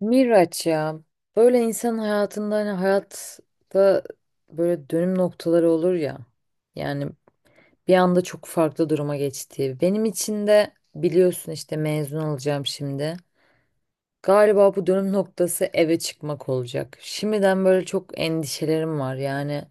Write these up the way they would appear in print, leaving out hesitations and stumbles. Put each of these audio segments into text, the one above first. Miraç ya böyle insan hayatında hani hayatta böyle dönüm noktaları olur ya yani bir anda çok farklı duruma geçti. Benim için de biliyorsun işte mezun olacağım şimdi. Galiba bu dönüm noktası eve çıkmak olacak. Şimdiden böyle çok endişelerim var yani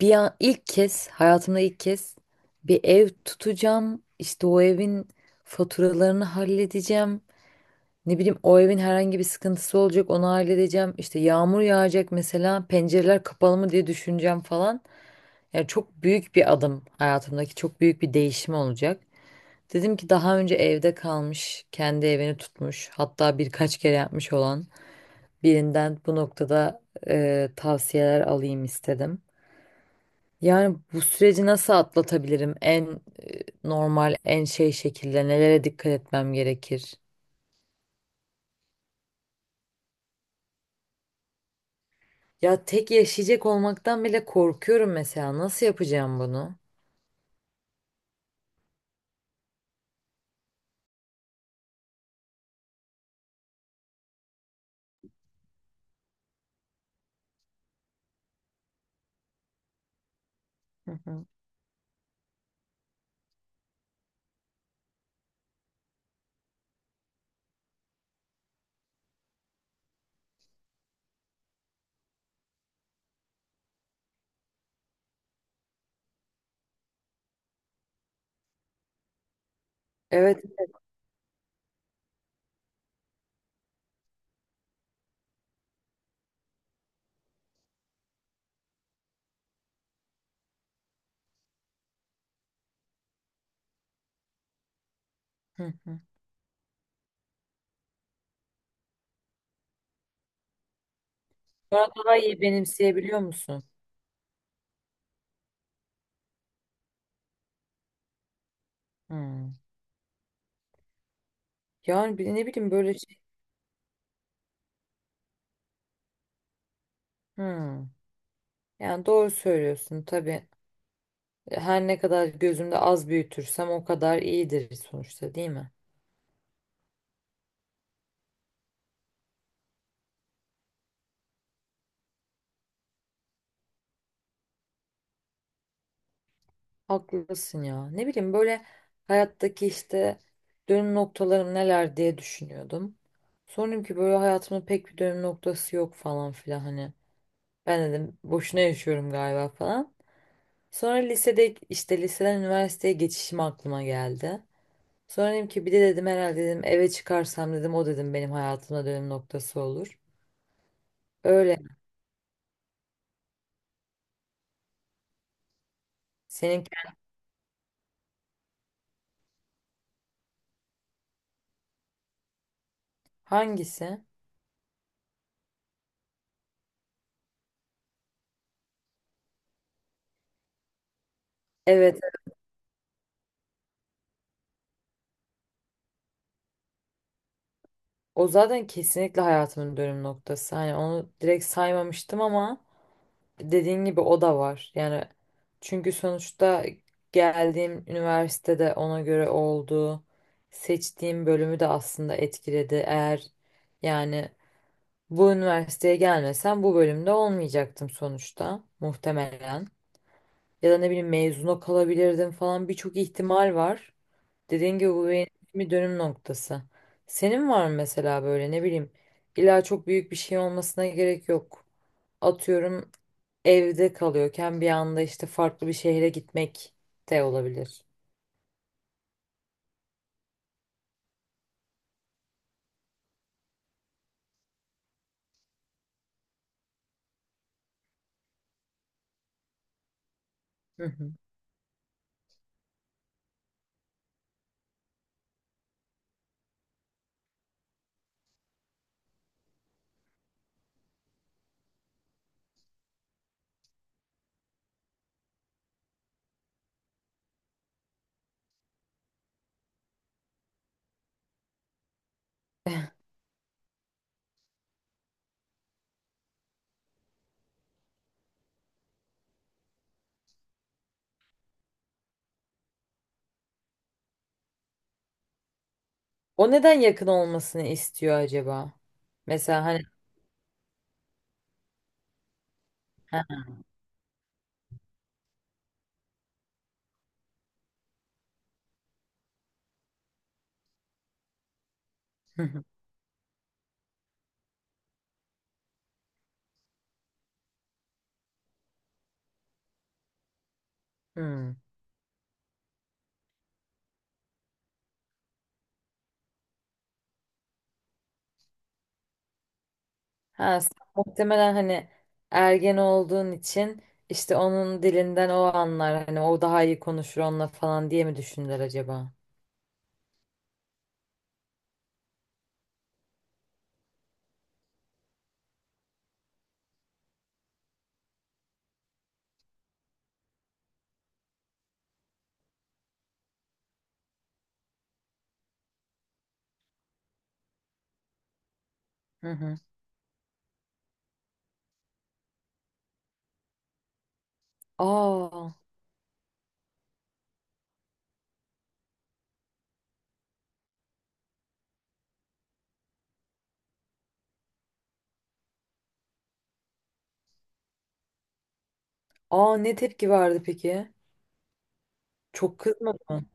bir an ilk kez hayatımda ilk kez bir ev tutacağım işte o evin faturalarını halledeceğim. Ne bileyim o evin herhangi bir sıkıntısı olacak onu halledeceğim. İşte yağmur yağacak mesela pencereler kapalı mı diye düşüneceğim falan. Yani çok büyük bir adım hayatımdaki çok büyük bir değişim olacak. Dedim ki daha önce evde kalmış, kendi evini tutmuş, hatta birkaç kere yapmış olan birinden bu noktada tavsiyeler alayım istedim. Yani bu süreci nasıl atlatabilirim? En normal, en şey şekilde nelere dikkat etmem gerekir? Ya tek yaşayacak olmaktan bile korkuyorum mesela. Nasıl yapacağım bunu? Hı hı. Evet. Hı hı. Sonra daha iyi benimseyebiliyor musun? Hı. Yani ne bileyim böyle şey. Hmm. Yani doğru söylüyorsun tabii. Her ne kadar gözümde az büyütürsem o kadar iyidir sonuçta, değil mi? Haklısın ya. Ne bileyim böyle hayattaki işte dönüm noktalarım neler diye düşünüyordum. Sonra dedim ki böyle hayatımda pek bir dönüm noktası yok falan filan hani. Ben dedim boşuna yaşıyorum galiba falan. Sonra lisede işte liseden üniversiteye geçişim aklıma geldi. Sonra dedim ki bir de dedim herhalde dedim eve çıkarsam dedim o dedim benim hayatımda dönüm noktası olur. Öyle. Senin hangisi? Evet. O zaten kesinlikle hayatımın dönüm noktası. Hani onu direkt saymamıştım ama dediğin gibi o da var. Yani çünkü sonuçta geldiğim üniversitede ona göre oldu. Seçtiğim bölümü de aslında etkiledi. Eğer yani bu üniversiteye gelmesem bu bölümde olmayacaktım sonuçta muhtemelen. Ya da ne bileyim mezuna kalabilirdim falan, birçok ihtimal var. Dediğin gibi bu benim için bir dönüm noktası. Senin var mı mesela böyle ne bileyim illa çok büyük bir şey olmasına gerek yok. Atıyorum evde kalıyorken bir anda işte farklı bir şehre gitmek de olabilir. Hı hı. O neden yakın olmasını istiyor acaba? Mesela hani ha, hı hı, hı. Ha, sen muhtemelen hani ergen olduğun için işte onun dilinden o anlar hani o daha iyi konuşur onunla falan diye mi düşündüler acaba? Hı hı. Aa, aa ne tepki verdi peki? Çok kızmadı mı?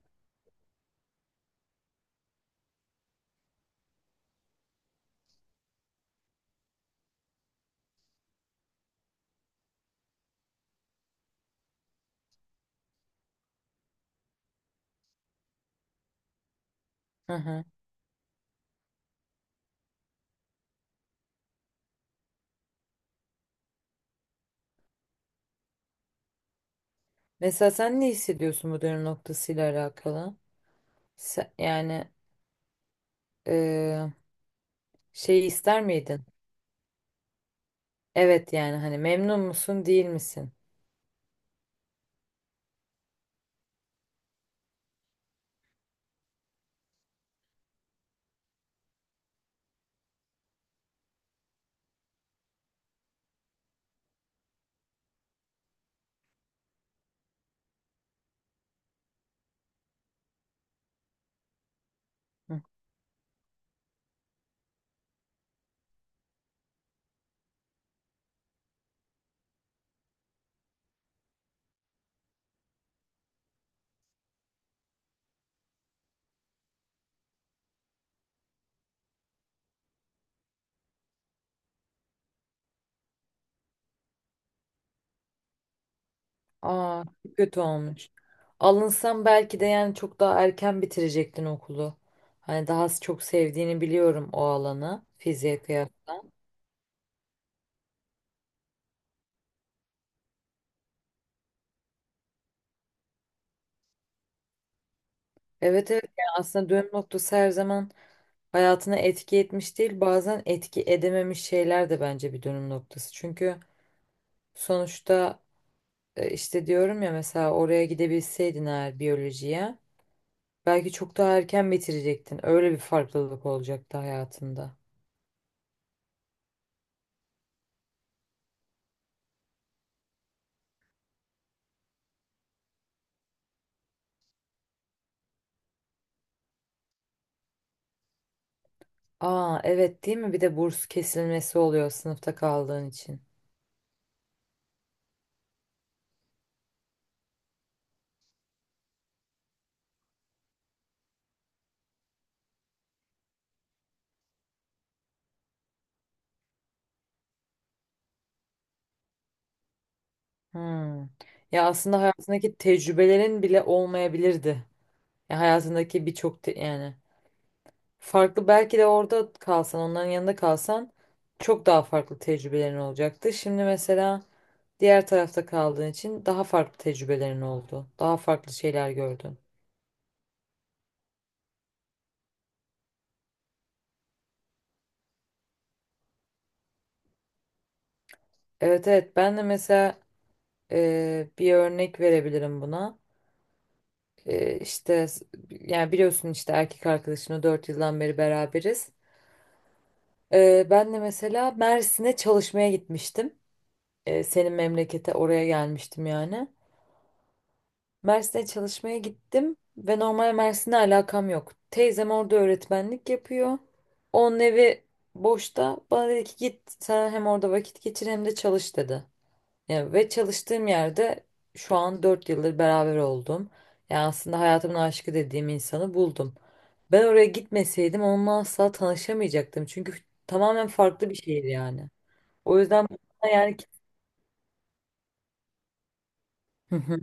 Hı hı. Mesela sen ne hissediyorsun bu dönüm noktasıyla alakalı? Yani Ee, şey ister miydin? Evet, yani hani memnun musun değil misin? Hı. Aa çok kötü olmuş. Alınsam belki de yani çok daha erken bitirecektin okulu. Hani daha çok sevdiğini biliyorum o alanı fiziğe kıyasla. Evet evet, yani aslında dönüm noktası her zaman hayatına etki etmiş değil, bazen etki edememiş şeyler de bence bir dönüm noktası. Çünkü sonuçta işte diyorum ya mesela oraya gidebilseydin eğer biyolojiye. Belki çok daha erken bitirecektin. Öyle bir farklılık olacaktı hayatında. Aa evet, değil mi? Bir de burs kesilmesi oluyor sınıfta kaldığın için. Hmm. Ya aslında hayatındaki tecrübelerin bile olmayabilirdi. Ya hayatındaki yani farklı belki de orada kalsan, onların yanında kalsan çok daha farklı tecrübelerin olacaktı. Şimdi mesela diğer tarafta kaldığın için daha farklı tecrübelerin oldu. Daha farklı şeyler gördün. Evet evet, ben de mesela bir örnek verebilirim buna. Ee, işte s- yani biliyorsun işte erkek arkadaşımla 4 yıldan beri beraberiz. Ben de mesela Mersin'e çalışmaya gitmiştim. Senin memlekete oraya gelmiştim yani. Mersin'e çalışmaya gittim ve normal Mersin'le alakam yok. Teyzem orada öğretmenlik yapıyor. Onun evi boşta. Bana dedi ki git sen hem orada vakit geçir hem de çalış dedi. Ya ve çalıştığım yerde şu an 4 yıldır beraber oldum. Yani aslında hayatımın aşkı dediğim insanı buldum. Ben oraya gitmeseydim onunla asla tanışamayacaktım. Çünkü tamamen farklı bir şehir yani. O yüzden bana yani Hı hı.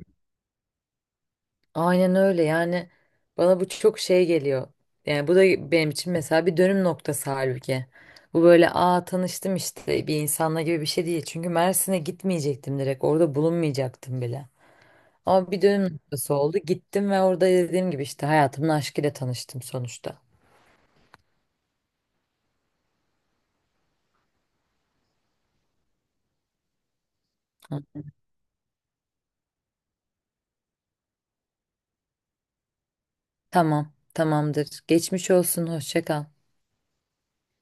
Aynen öyle, yani bana bu çok şey geliyor. Yani bu da benim için mesela bir dönüm noktası halbuki. Bu böyle aa tanıştım işte bir insanla gibi bir şey değil. Çünkü Mersin'e gitmeyecektim, direkt orada bulunmayacaktım bile. Ama bir dönüm noktası oldu. Gittim ve orada dediğim gibi işte hayatımın aşkıyla tanıştım sonuçta. Hı. Tamam, tamamdır. Geçmiş olsun, hoşça kal.